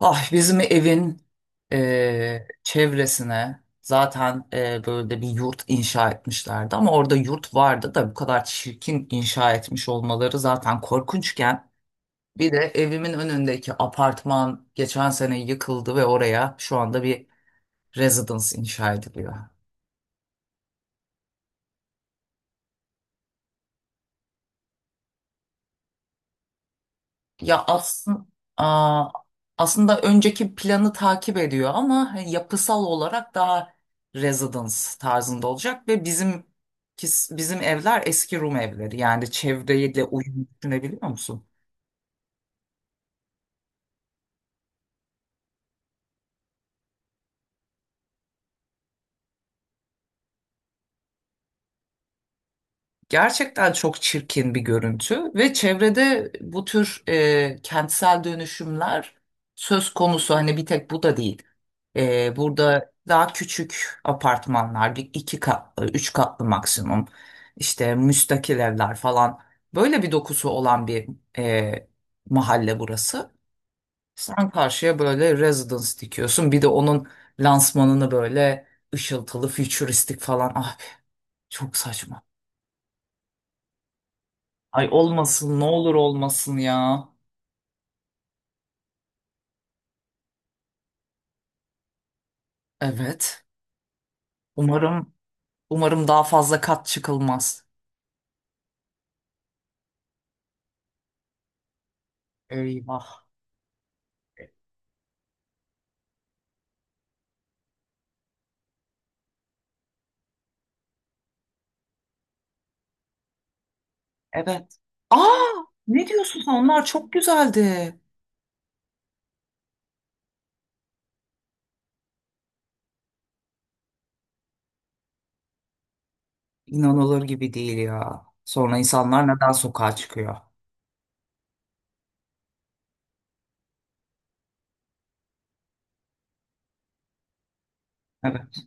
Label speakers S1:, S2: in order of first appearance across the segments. S1: Ah bizim evin çevresine zaten böyle bir yurt inşa etmişlerdi ama orada yurt vardı da bu kadar çirkin inşa etmiş olmaları zaten korkunçken bir de evimin önündeki apartman geçen sene yıkıldı ve oraya şu anda bir residence inşa ediliyor. Ya aslında önceki planı takip ediyor ama hani, yapısal olarak daha residence tarzında olacak ve bizim evler eski Rum evleri. Yani çevreyle uyum düşünebiliyor musun? Gerçekten çok çirkin bir görüntü ve çevrede bu tür kentsel dönüşümler söz konusu hani bir tek bu da değil. Burada daha küçük apartmanlar, bir iki katlı, üç katlı maksimum, işte müstakil evler falan böyle bir dokusu olan bir e, mahalle burası. Sen karşıya böyle residence dikiyorsun, bir de onun lansmanını böyle ışıltılı, fütüristik falan abi çok saçma. Ay olmasın, ne olur olmasın ya. Evet. Umarım umarım daha fazla kat çıkılmaz. Eyvah. Evet. Aa, ne diyorsun sen? Onlar çok güzeldi. İnanılır gibi değil ya. Sonra insanlar neden sokağa çıkıyor? Evet,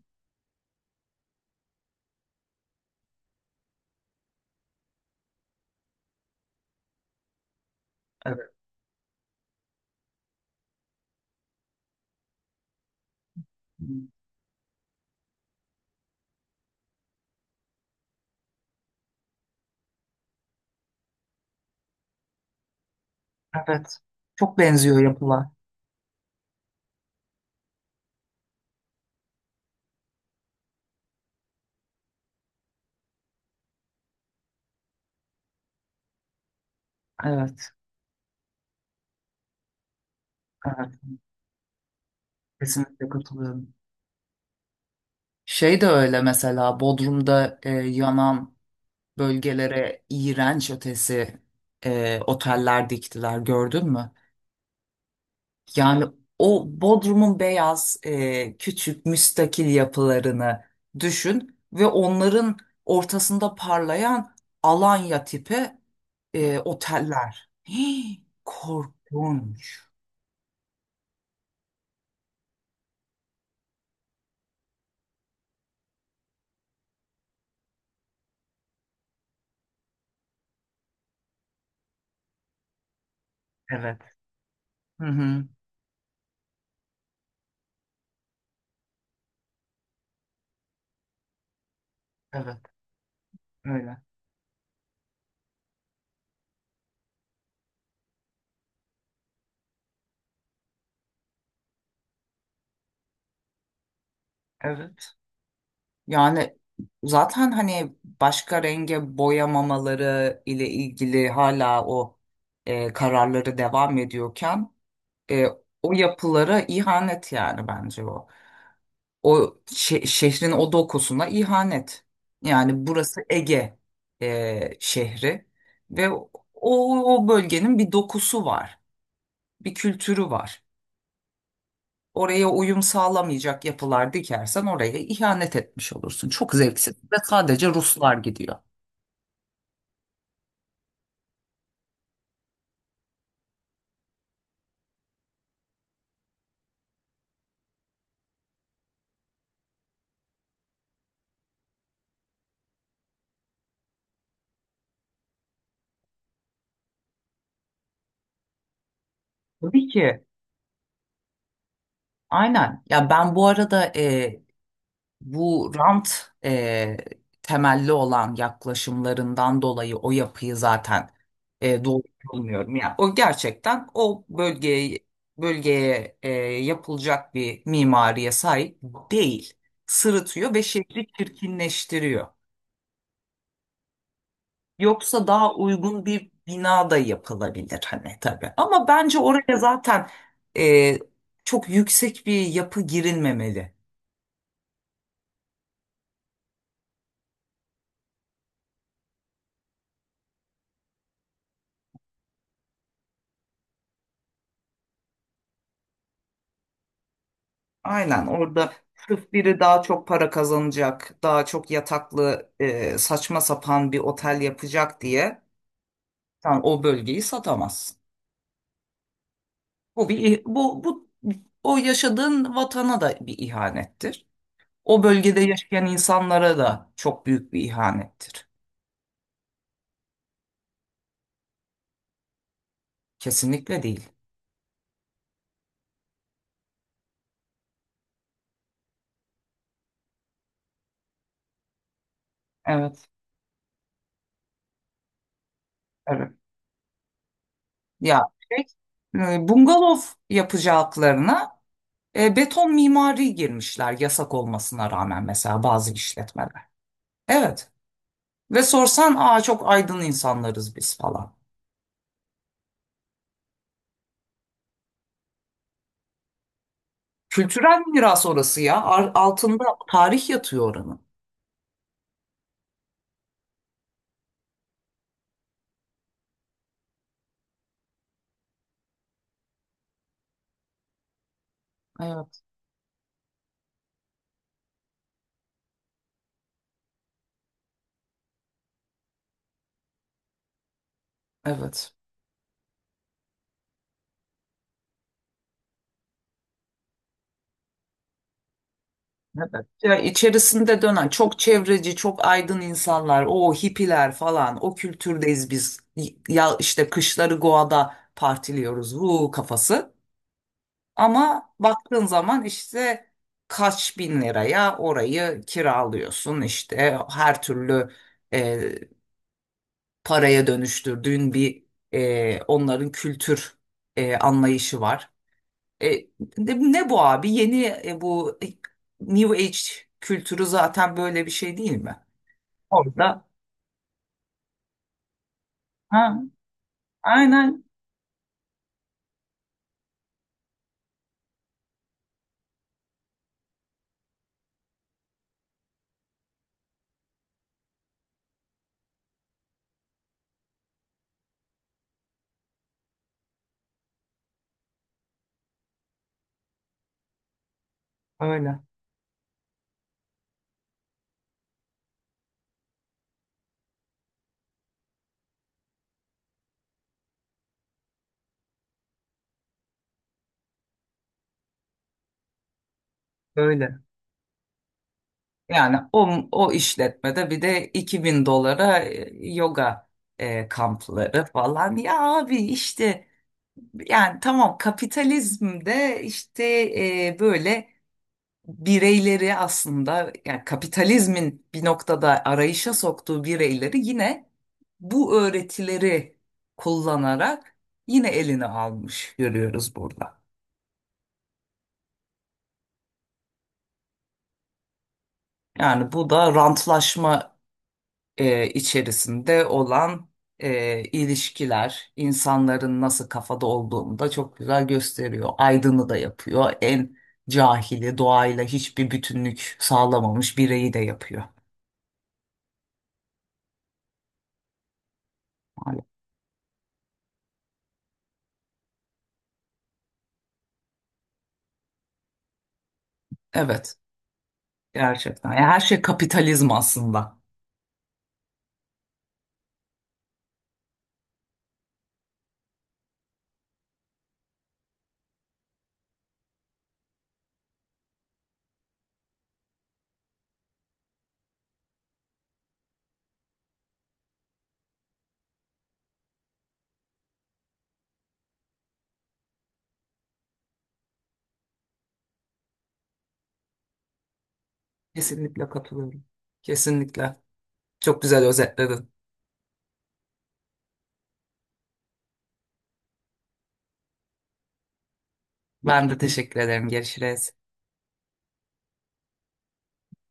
S1: evet. Evet. Çok benziyor yapılar. Evet, evet. Kesinlikle katılıyorum. Şey de öyle mesela Bodrum'da yanan bölgelere iğrenç ötesi oteller diktiler gördün mü? Yani o Bodrum'un beyaz küçük müstakil yapılarını düşün ve onların ortasında parlayan Alanya tipi oteller. Hii, korkunç. Evet. Hı hı. Evet. Öyle. Evet. Yani zaten hani başka renge boyamamaları ile ilgili hala o kararları devam ediyorken e, o yapılara ihanet yani bence o. O şehrin o dokusuna ihanet. Yani burası Ege şehri ve o bölgenin bir dokusu var, bir kültürü var. Oraya uyum sağlamayacak yapılar dikersen oraya ihanet etmiş olursun. Çok zevksiz ve sadece Ruslar gidiyor. Tabii ki. Aynen. Ya ben bu arada bu rant temelli olan yaklaşımlarından dolayı o yapıyı zaten doğru bulmuyorum. Yani o gerçekten o bölgeye yapılacak bir mimariye sahip değil. Sırıtıyor ve şehri çirkinleştiriyor. Yoksa daha uygun bir bina da yapılabilir hani tabii. Ama bence oraya zaten e, çok yüksek bir yapı girilmemeli. Aynen orada sırf biri daha çok para kazanacak, daha çok yataklı saçma sapan bir otel yapacak diye sen o bölgeyi satamazsın. Bu o yaşadığın vatana da bir ihanettir. O bölgede yaşayan insanlara da çok büyük bir ihanettir. Kesinlikle değil. Evet. Evet. Ya şey, bungalov yapacaklarına beton mimari girmişler yasak olmasına rağmen mesela bazı işletmeler. Evet. Ve sorsan aa çok aydın insanlarız biz falan. Kültürel miras orası ya. Altında tarih yatıyor oranın. Evet, evet. Evet. Ya içerisinde dönen çok çevreci, çok aydın insanlar, o hippiler falan, o kültürdeyiz biz. Ya işte kışları Goa'da partiliyoruz, bu kafası. Ama baktığın zaman işte kaç bin liraya orayı kiralıyorsun işte her türlü paraya dönüştürdüğün bir onların kültür anlayışı var. E, ne bu abi? Yeni bu New Age kültürü zaten böyle bir şey değil mi? Orada ha, aynen öyle öyle. Yani o işletmede bir de 2000 dolara yoga kampları falan. Ya abi işte yani tamam kapitalizmde işte böyle bireyleri aslında yani kapitalizmin bir noktada arayışa soktuğu bireyleri yine bu öğretileri kullanarak yine eline almış görüyoruz burada. Yani bu da rantlaşma içerisinde olan ilişkiler, insanların nasıl kafada olduğunu da çok güzel gösteriyor. Aydın'ı da yapıyor. En cahili, doğayla hiçbir bütünlük sağlamamış bireyi de yapıyor. Evet. Gerçekten. Yani her şey kapitalizm aslında. Kesinlikle katılıyorum. Kesinlikle. Çok güzel özetledin. Ben de teşekkür ederim. Görüşürüz.